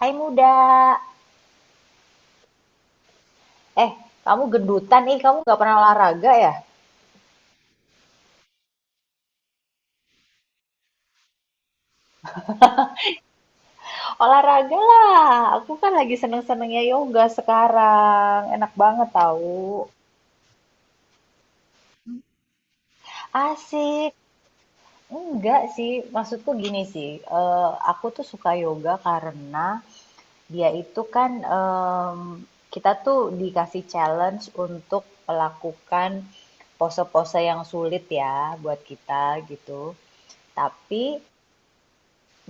Hai muda, eh kamu gendutan nih, kamu nggak pernah olahraga ya? Olahraga lah, aku kan lagi seneng-senengnya yoga sekarang, enak banget tahu. Asik, enggak sih, maksudku gini sih, aku tuh suka yoga karena dia itu kan em, kita tuh dikasih challenge untuk melakukan pose-pose yang sulit ya buat kita gitu. Tapi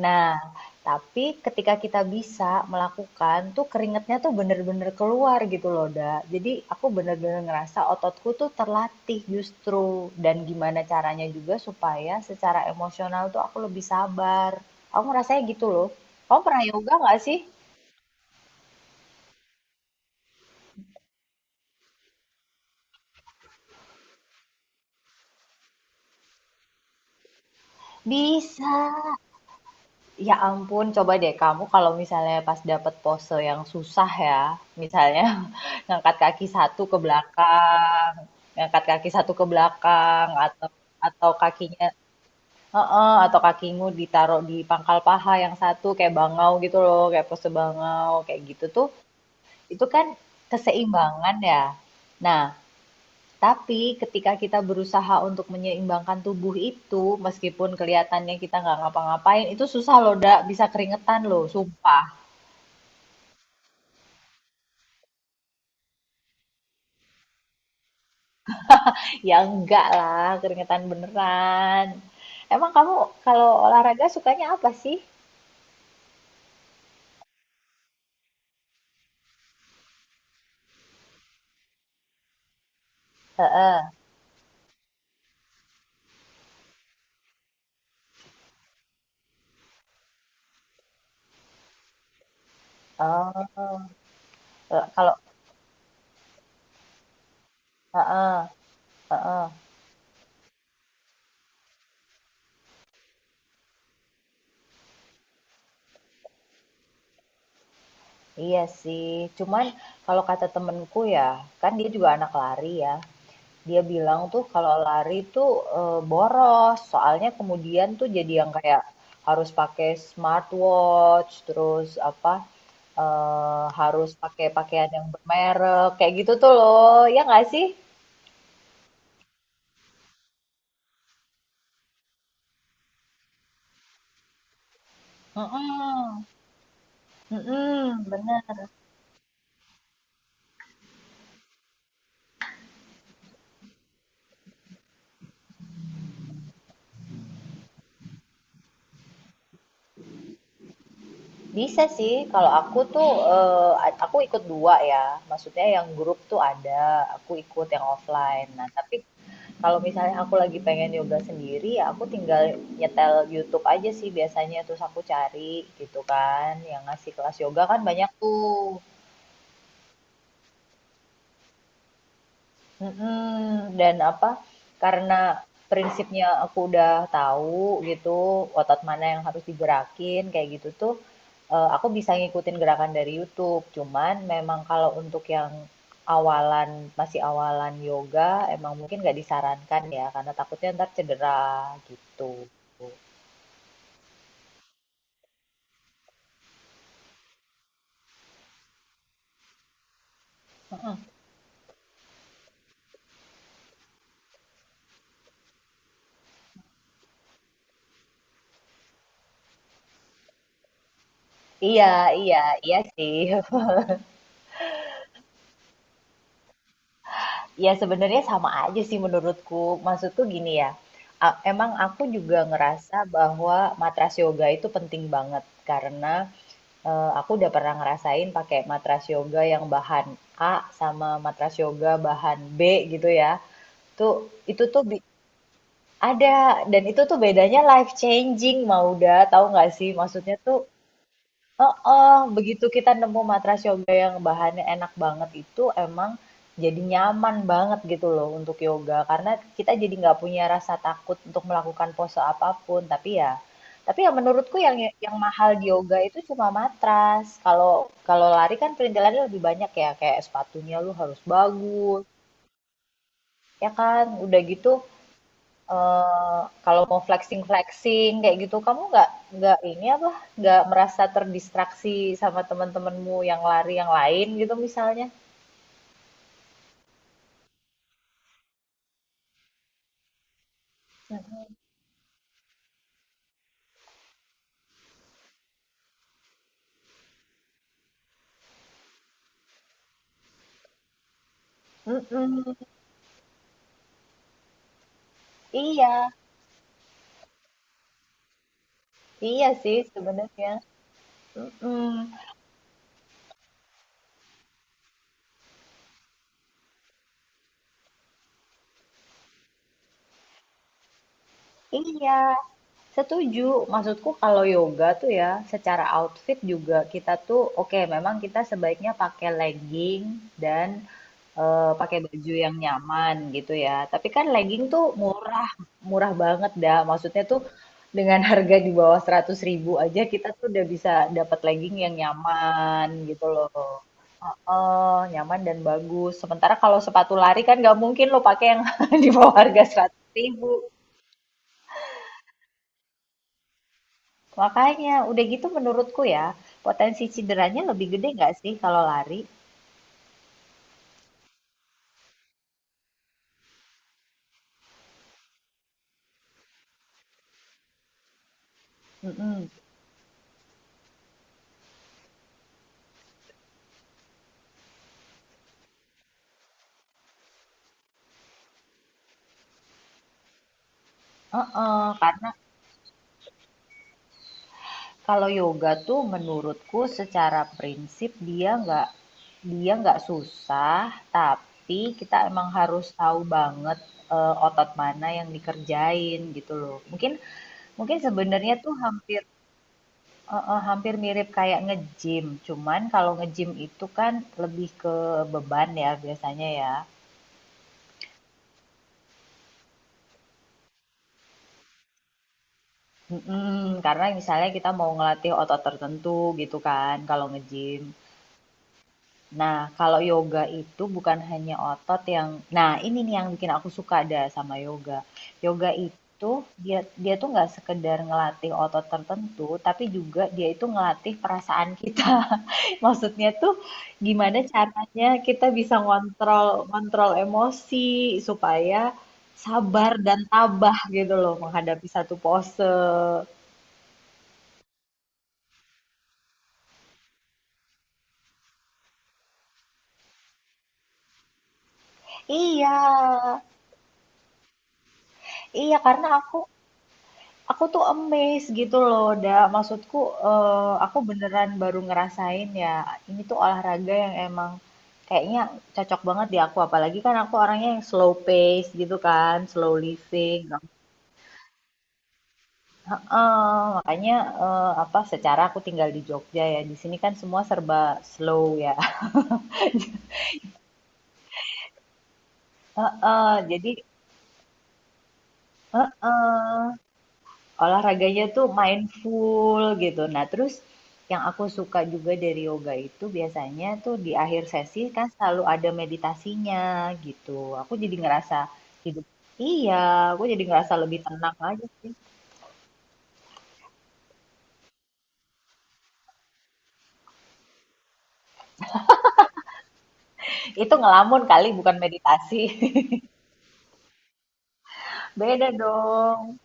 Nah, tapi ketika kita bisa melakukan tuh keringetnya tuh bener-bener keluar gitu loh, Da. Jadi aku bener-bener ngerasa ototku tuh terlatih justru. Dan gimana caranya juga supaya secara emosional tuh aku lebih sabar. Aku ngerasanya gitu loh. Kamu pernah yoga nggak sih? Bisa. Ya ampun, coba deh kamu kalau misalnya pas dapet pose yang susah ya, misalnya ngangkat kaki satu ke belakang, ngangkat kaki satu ke belakang, atau kakinya, heeh, atau kakimu ditaruh di pangkal paha yang satu kayak bangau gitu loh, kayak pose bangau kayak gitu tuh, itu kan keseimbangan ya. Nah, tapi ketika kita berusaha untuk menyeimbangkan tubuh itu, meskipun kelihatannya kita nggak ngapa-ngapain, itu susah loh, Dak. Bisa keringetan loh, sumpah. Ya enggak lah, keringetan beneran. Emang kamu kalau olahraga sukanya apa sih? Heeh. Oh. Eh, Kalau Heeh, heeh. Iya sih. Cuman kalau kata temenku ya, kan dia juga anak lari ya. Dia bilang tuh kalau lari tuh, boros, soalnya kemudian tuh jadi yang kayak harus pakai smartwatch, terus apa, harus pakai pakaian yang bermerek, kayak gitu tuh loh, ya nggak sih? Mhm, mhm, bener. Bisa sih, kalau aku tuh, eee, a aku ikut 2 ya, maksudnya yang grup tuh ada, aku ikut yang offline. Nah, tapi kalau misalnya aku lagi pengen yoga sendiri, ya aku tinggal nyetel YouTube aja sih biasanya, terus aku cari gitu kan, yang ngasih kelas yoga kan banyak tuh. Mhm, dan apa, karena prinsipnya aku udah tahu gitu, otot mana yang harus digerakin kayak gitu tuh, aku bisa ngikutin gerakan dari YouTube. Cuman memang kalau untuk yang awalan masih awalan yoga emang mungkin nggak disarankan ya, karena takutnya ntar cedera gitu. Iya iya iya sih. Ya sebenarnya sama aja sih menurutku. Maksudku gini ya, emang aku juga ngerasa bahwa matras yoga itu penting banget karena aku udah pernah ngerasain pakai matras yoga yang bahan A sama matras yoga bahan B gitu ya. Tuh itu tuh bi- ada dan itu tuh bedanya life changing, Mauda, tahu nggak sih? Maksudnya tuh oh, begitu kita nemu matras yoga yang bahannya enak banget itu emang jadi nyaman banget gitu loh untuk yoga karena kita jadi nggak punya rasa takut untuk melakukan pose apapun, tapi ya menurutku yang mahal di yoga itu cuma matras. Kalau kalau lari kan perintilannya lebih banyak ya, kayak sepatunya lu harus bagus, ya kan. Udah gitu, kalau mau flexing-flexing kayak gitu, kamu nggak ini apa, nggak merasa terdistraksi sama teman-temanmu yang lari yang lain gitu misalnya? Mhm, mhm, iya, iya sih sebenarnya, mhm. Iya, setuju. Maksudku kalau yoga tuh ya, secara outfit juga kita tuh oke, memang kita sebaiknya pakai legging dan pakai baju yang nyaman gitu ya. Tapi kan legging tuh murah, murah banget dah. Maksudnya tuh dengan harga di bawah seratus ribu aja kita tuh udah bisa dapat legging yang nyaman gitu loh. Heeh, nyaman dan bagus. Sementara kalau sepatu lari kan nggak mungkin lo pakai yang di bawah harga seratus ribu. Makanya, udah gitu menurutku ya, potensi cederanya lebih gede nggak sih kalau lari? Mm-mm. Heeh, karena kalau yoga tuh menurutku secara prinsip dia nggak susah, tapi kita emang harus tahu banget, otot mana yang dikerjain gitu loh. Mungkin Mungkin sebenarnya tuh hampir hampir mirip kayak nge-gym, cuman kalau nge-gym itu kan lebih ke beban ya biasanya ya. Mhm, karena misalnya kita mau ngelatih otot tertentu gitu kan kalau nge-gym. Nah, kalau yoga itu bukan hanya otot yang nah ini nih yang bikin aku suka dah sama yoga. Yoga itu dia dia tuh nggak sekedar ngelatih otot tertentu, tapi juga dia itu ngelatih perasaan kita. Maksudnya tuh gimana caranya kita bisa ngontrol emosi supaya sabar dan tabah gitu loh menghadapi satu pose. Iya, iya karena aku tuh amazed gitu loh, da. Maksudku aku beneran baru ngerasain ya, ini tuh olahraga yang emang kayaknya cocok banget di aku. Apalagi kan aku orangnya yang slow pace gitu kan, slow living. Heeh, makanya apa? Secara aku tinggal di Jogja ya, di sini kan semua serba slow ya. Heeh, jadi heeh. Olahraganya tuh mindful gitu. Nah, terus yang aku suka juga dari yoga itu biasanya tuh di akhir sesi kan selalu ada meditasinya gitu. Aku jadi ngerasa hidup. Iya, aku jadi ngerasa lebih tenang aja sih. Itu ngelamun kali, bukan meditasi. Beda dong.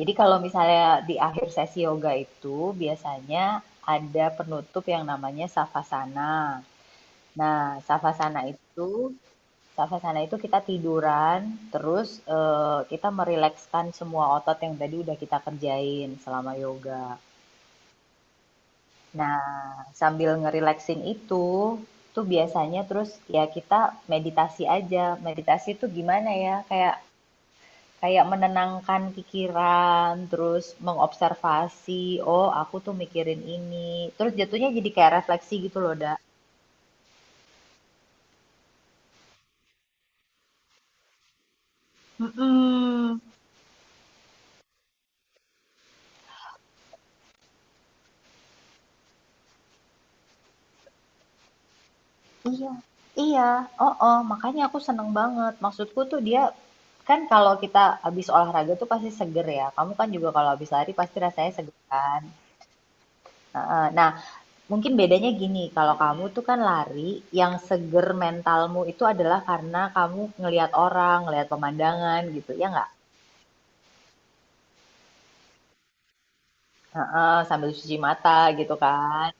Jadi kalau misalnya di akhir sesi yoga itu biasanya ada penutup yang namanya savasana. Nah, savasana itu kita tiduran, terus kita merilekskan semua otot yang tadi udah kita kerjain selama yoga. Nah, sambil ngerileksin itu, tuh biasanya terus ya kita meditasi aja. Meditasi itu gimana ya? Kayak kayak menenangkan pikiran, terus mengobservasi, oh aku tuh mikirin ini. Terus jatuhnya jadi kayak refleksi gitu loh, Da. Mm-mm. Iya, iya, oh makanya aku seneng banget. Maksudku tuh dia, kan kalau kita habis olahraga tuh pasti seger ya. Kamu kan juga kalau habis lari pasti rasanya seger kan. Heeh. Nah, mungkin bedanya gini, kalau kamu tuh kan lari, yang seger mentalmu itu adalah karena kamu ngelihat orang, ngelihat pemandangan gitu, ya nggak? Heeh, sambil cuci mata gitu kan.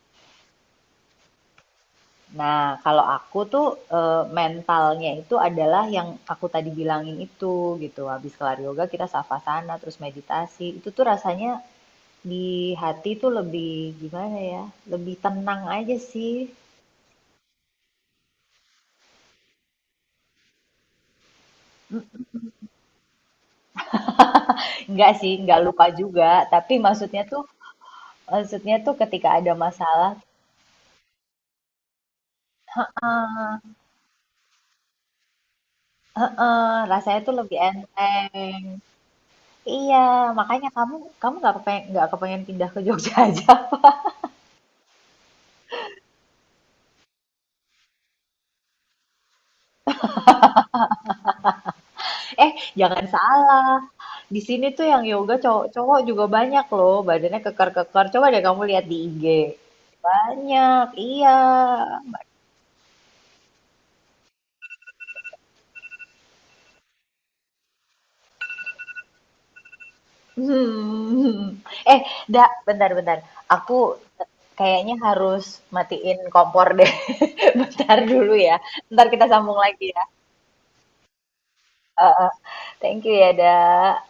Nah, kalau aku tuh, mentalnya itu adalah yang aku tadi bilangin itu gitu, habis kelar yoga kita savasana, terus meditasi, itu tuh rasanya di hati tuh lebih gimana ya, lebih tenang aja sih. Enggak sih, enggak lupa juga, tapi maksudnya tuh ketika ada masalah heeh, rasanya tuh lebih enteng. Iya, makanya kamu kamu nggak nggak kepengen pindah ke Jogja aja? Eh, jangan salah. Di sini tuh yang yoga cowok-cowok juga banyak loh, badannya kekar-kekar. Coba deh kamu lihat di IG. Banyak, iya. Hmm. Eh, dak, bentar-bentar. Aku kayaknya harus matiin kompor deh. Bentar dulu ya. Ntar kita sambung lagi ya. Eh, eh. Thank you ya, dak.